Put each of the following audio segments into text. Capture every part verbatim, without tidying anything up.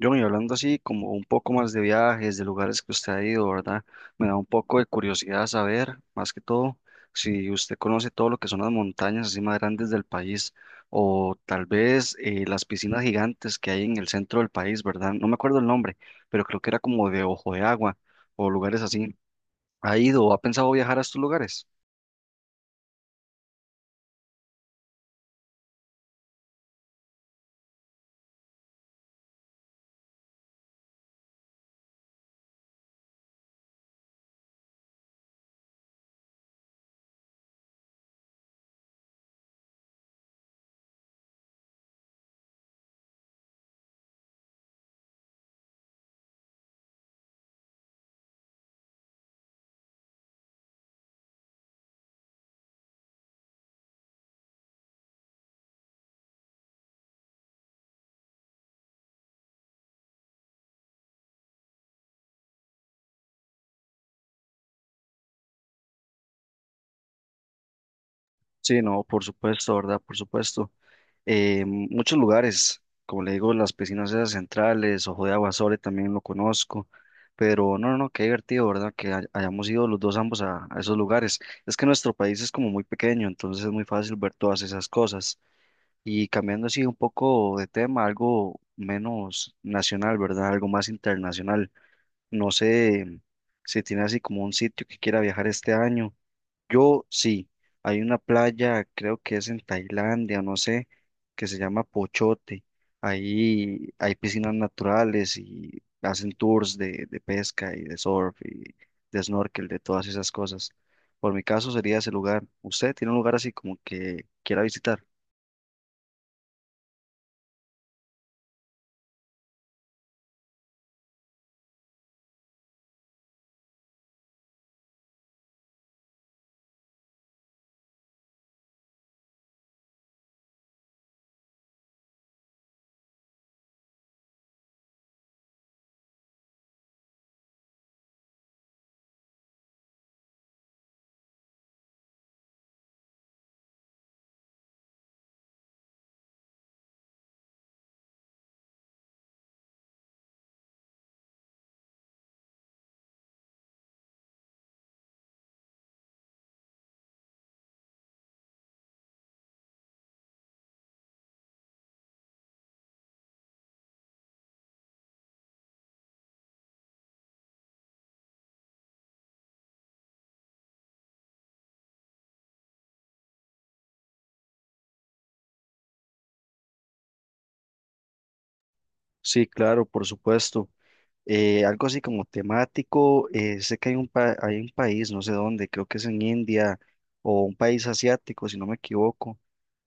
John, y hablando así como un poco más de viajes, de lugares que usted ha ido, ¿verdad? Me da un poco de curiosidad saber, más que todo, si usted conoce todo lo que son las montañas así más grandes del país o tal vez eh, las piscinas gigantes que hay en el centro del país, ¿verdad? No me acuerdo el nombre, pero creo que era como de Ojo de Agua o lugares así. ¿Ha ido o ha pensado viajar a estos lugares? Sí, no, por supuesto, ¿verdad? Por supuesto. Eh, muchos lugares, como le digo, las piscinas esas centrales, Ojo de Aguasole también lo conozco, pero no, no, no, qué divertido, ¿verdad? Que hay- hayamos ido los dos ambos a, a esos lugares. Es que nuestro país es como muy pequeño, entonces es muy fácil ver todas esas cosas. Y cambiando así un poco de tema, algo menos nacional, ¿verdad? Algo más internacional. No sé si tiene así como un sitio que quiera viajar este año. Yo sí, hay una playa, creo que es en Tailandia, no sé, que se llama Pochote. Ahí hay piscinas naturales y hacen tours de, de pesca y de surf y de snorkel, de todas esas cosas. Por mi caso sería ese lugar. ¿Usted tiene un lugar así como que quiera visitar? Sí, claro, por supuesto. Eh, algo así como temático, eh, sé que hay un, pa- hay un país, no sé dónde, creo que es en India o un país asiático, si no me equivoco,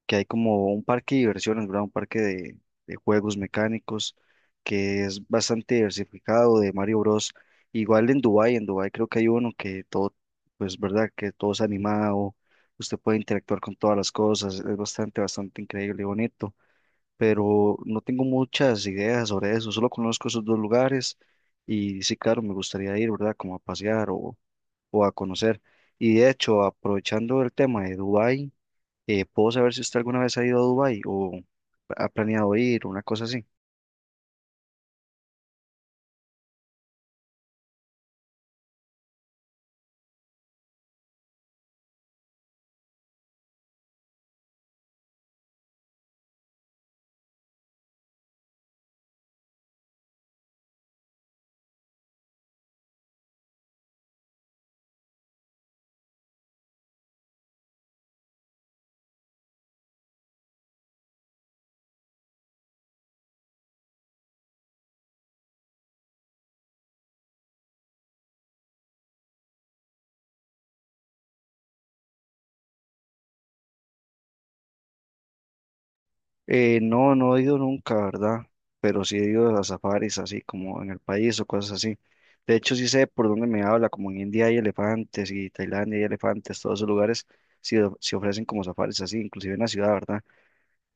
que hay como un parque de diversiones, ¿verdad? Un parque de, de juegos mecánicos que es bastante diversificado de Mario Bros. Igual en Dubái, en Dubái creo que hay uno que todo, pues, ¿verdad? Que todo es animado, usted puede interactuar con todas las cosas, es bastante, bastante increíble y bonito, pero no tengo muchas ideas sobre eso, solo conozco esos dos lugares y sí, claro, me gustaría ir, ¿verdad? Como a pasear o, o a conocer. Y de hecho, aprovechando el tema de Dubái, eh, ¿puedo saber si usted alguna vez ha ido a Dubái o ha planeado ir, una cosa así? Eh, no, no he ido nunca, ¿verdad? Pero sí he ido a safaris, así como en el país o cosas así. De hecho, sí sé por dónde me habla, como en India hay elefantes y Tailandia hay elefantes, todos esos lugares sí, o- sí ofrecen como safaris así, inclusive en la ciudad, ¿verdad?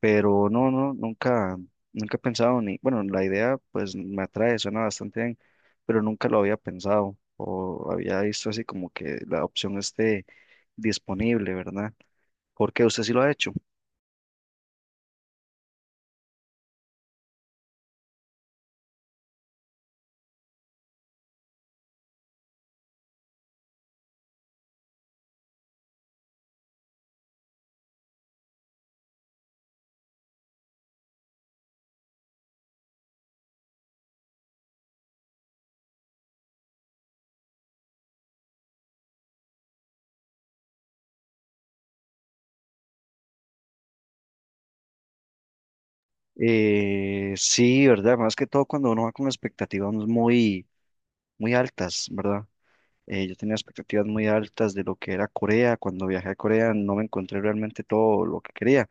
Pero no, no, nunca, nunca he pensado ni, bueno, la idea pues me atrae, suena bastante bien, pero nunca lo había pensado o había visto así como que la opción esté disponible, ¿verdad? Porque usted sí lo ha hecho. Eh, sí, ¿verdad? Más que todo cuando uno va con expectativas muy, muy altas, ¿verdad? Eh, yo tenía expectativas muy altas de lo que era Corea. Cuando viajé a Corea no me encontré realmente todo lo que quería.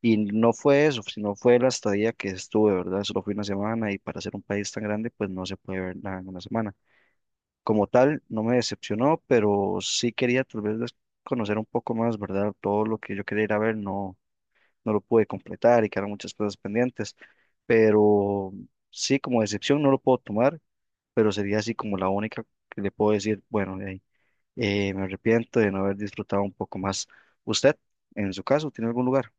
Y no fue eso, sino fue la estadía que estuve, ¿verdad? Solo fui una semana y para ser un país tan grande, pues no se puede ver nada en una semana. Como tal, no me decepcionó, pero sí quería tal vez des- conocer un poco más, ¿verdad? Todo lo que yo quería ir a ver no, no lo pude completar y quedaron muchas cosas pendientes. Pero sí, como decepción no lo puedo tomar, pero sería así como la única que le puedo decir, bueno, de ahí. Eh, me arrepiento de no haber disfrutado un poco más. ¿Usted, en su caso, tiene algún lugar?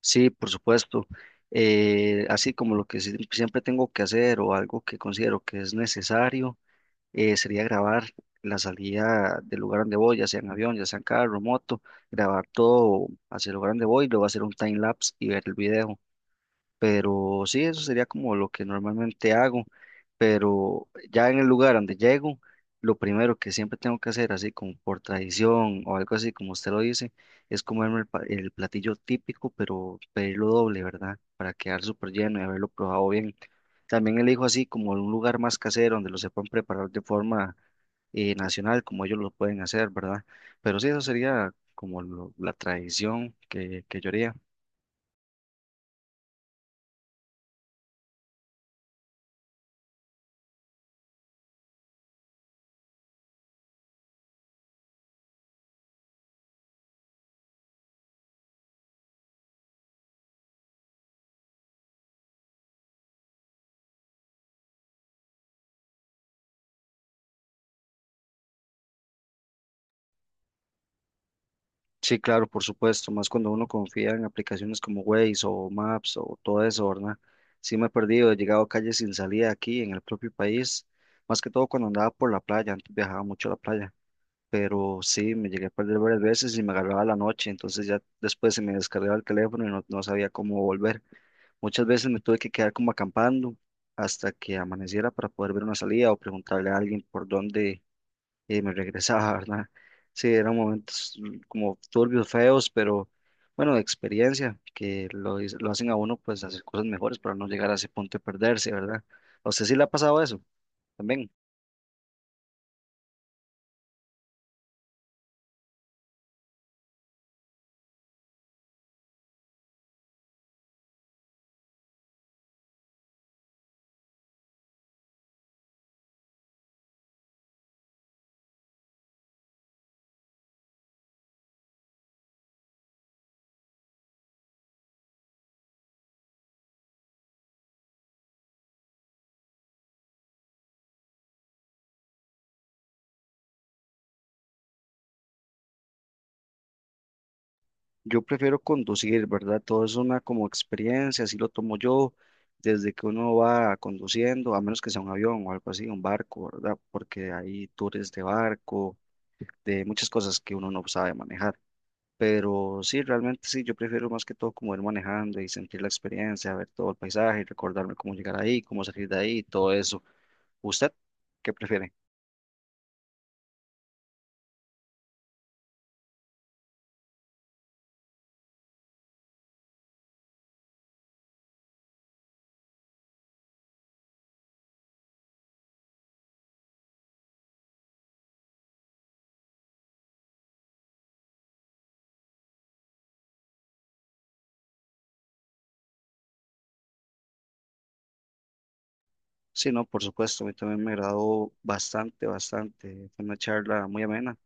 Sí, por supuesto. Eh, así como lo que sie- siempre tengo que hacer o algo que considero que es necesario, eh, sería grabar la salida del lugar donde voy, ya sea en avión, ya sea en carro, moto, grabar todo hacia el lugar donde voy, luego hacer un time lapse y ver el video. Pero sí, eso sería como lo que normalmente hago. Pero ya en el lugar donde llego, lo primero que siempre tengo que hacer, así como por tradición o algo así, como usted lo dice, es comerme el, pa- el platillo típico, pero pedirlo doble, ¿verdad? Para quedar súper lleno y haberlo probado bien. También elijo así como un lugar más casero donde lo sepan preparar de forma eh, nacional, como ellos lo pueden hacer, ¿verdad? Pero sí, eso sería como lo- la tradición que, que yo haría. Sí, claro, por supuesto, más cuando uno confía en aplicaciones como Waze o Maps o todo eso, ¿verdad? Sí me he perdido, he llegado a calles sin salida aquí en el propio país, más que todo cuando andaba por la playa, antes viajaba mucho a la playa, pero sí, me llegué a perder varias veces y me agarraba la noche, entonces ya después se me descargaba el teléfono y no, no sabía cómo volver. Muchas veces me tuve que quedar como acampando hasta que amaneciera para poder ver una salida o preguntarle a alguien por dónde y me regresaba, ¿verdad? Sí, eran momentos mm, como turbios, feos, pero bueno, de experiencia, que lo, hice- lo hacen a uno pues hacer cosas mejores para no llegar a ese punto de perderse, ¿verdad? ¿A usted sí le ha pasado eso también? Yo prefiero conducir, ¿verdad? Todo es una como experiencia, así lo tomo yo, desde que uno va conduciendo, a menos que sea un avión o algo así, un barco, ¿verdad? Porque hay tours de barco, de muchas cosas que uno no sabe manejar. Pero sí, realmente sí, yo prefiero más que todo como ir manejando y sentir la experiencia, ver todo el paisaje, y recordarme cómo llegar ahí, cómo salir de ahí, todo eso. ¿Usted qué prefiere? Sí, no, por supuesto, a mí también me agradó bastante, bastante. Fue una charla muy amena.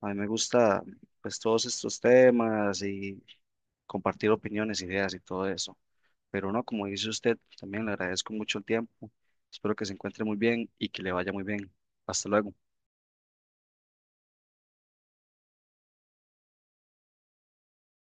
A mí me gusta pues todos estos temas y compartir opiniones, ideas y todo eso. Pero no, como dice usted, también le agradezco mucho el tiempo. Espero que se encuentre muy bien y que le vaya muy bien. Hasta luego.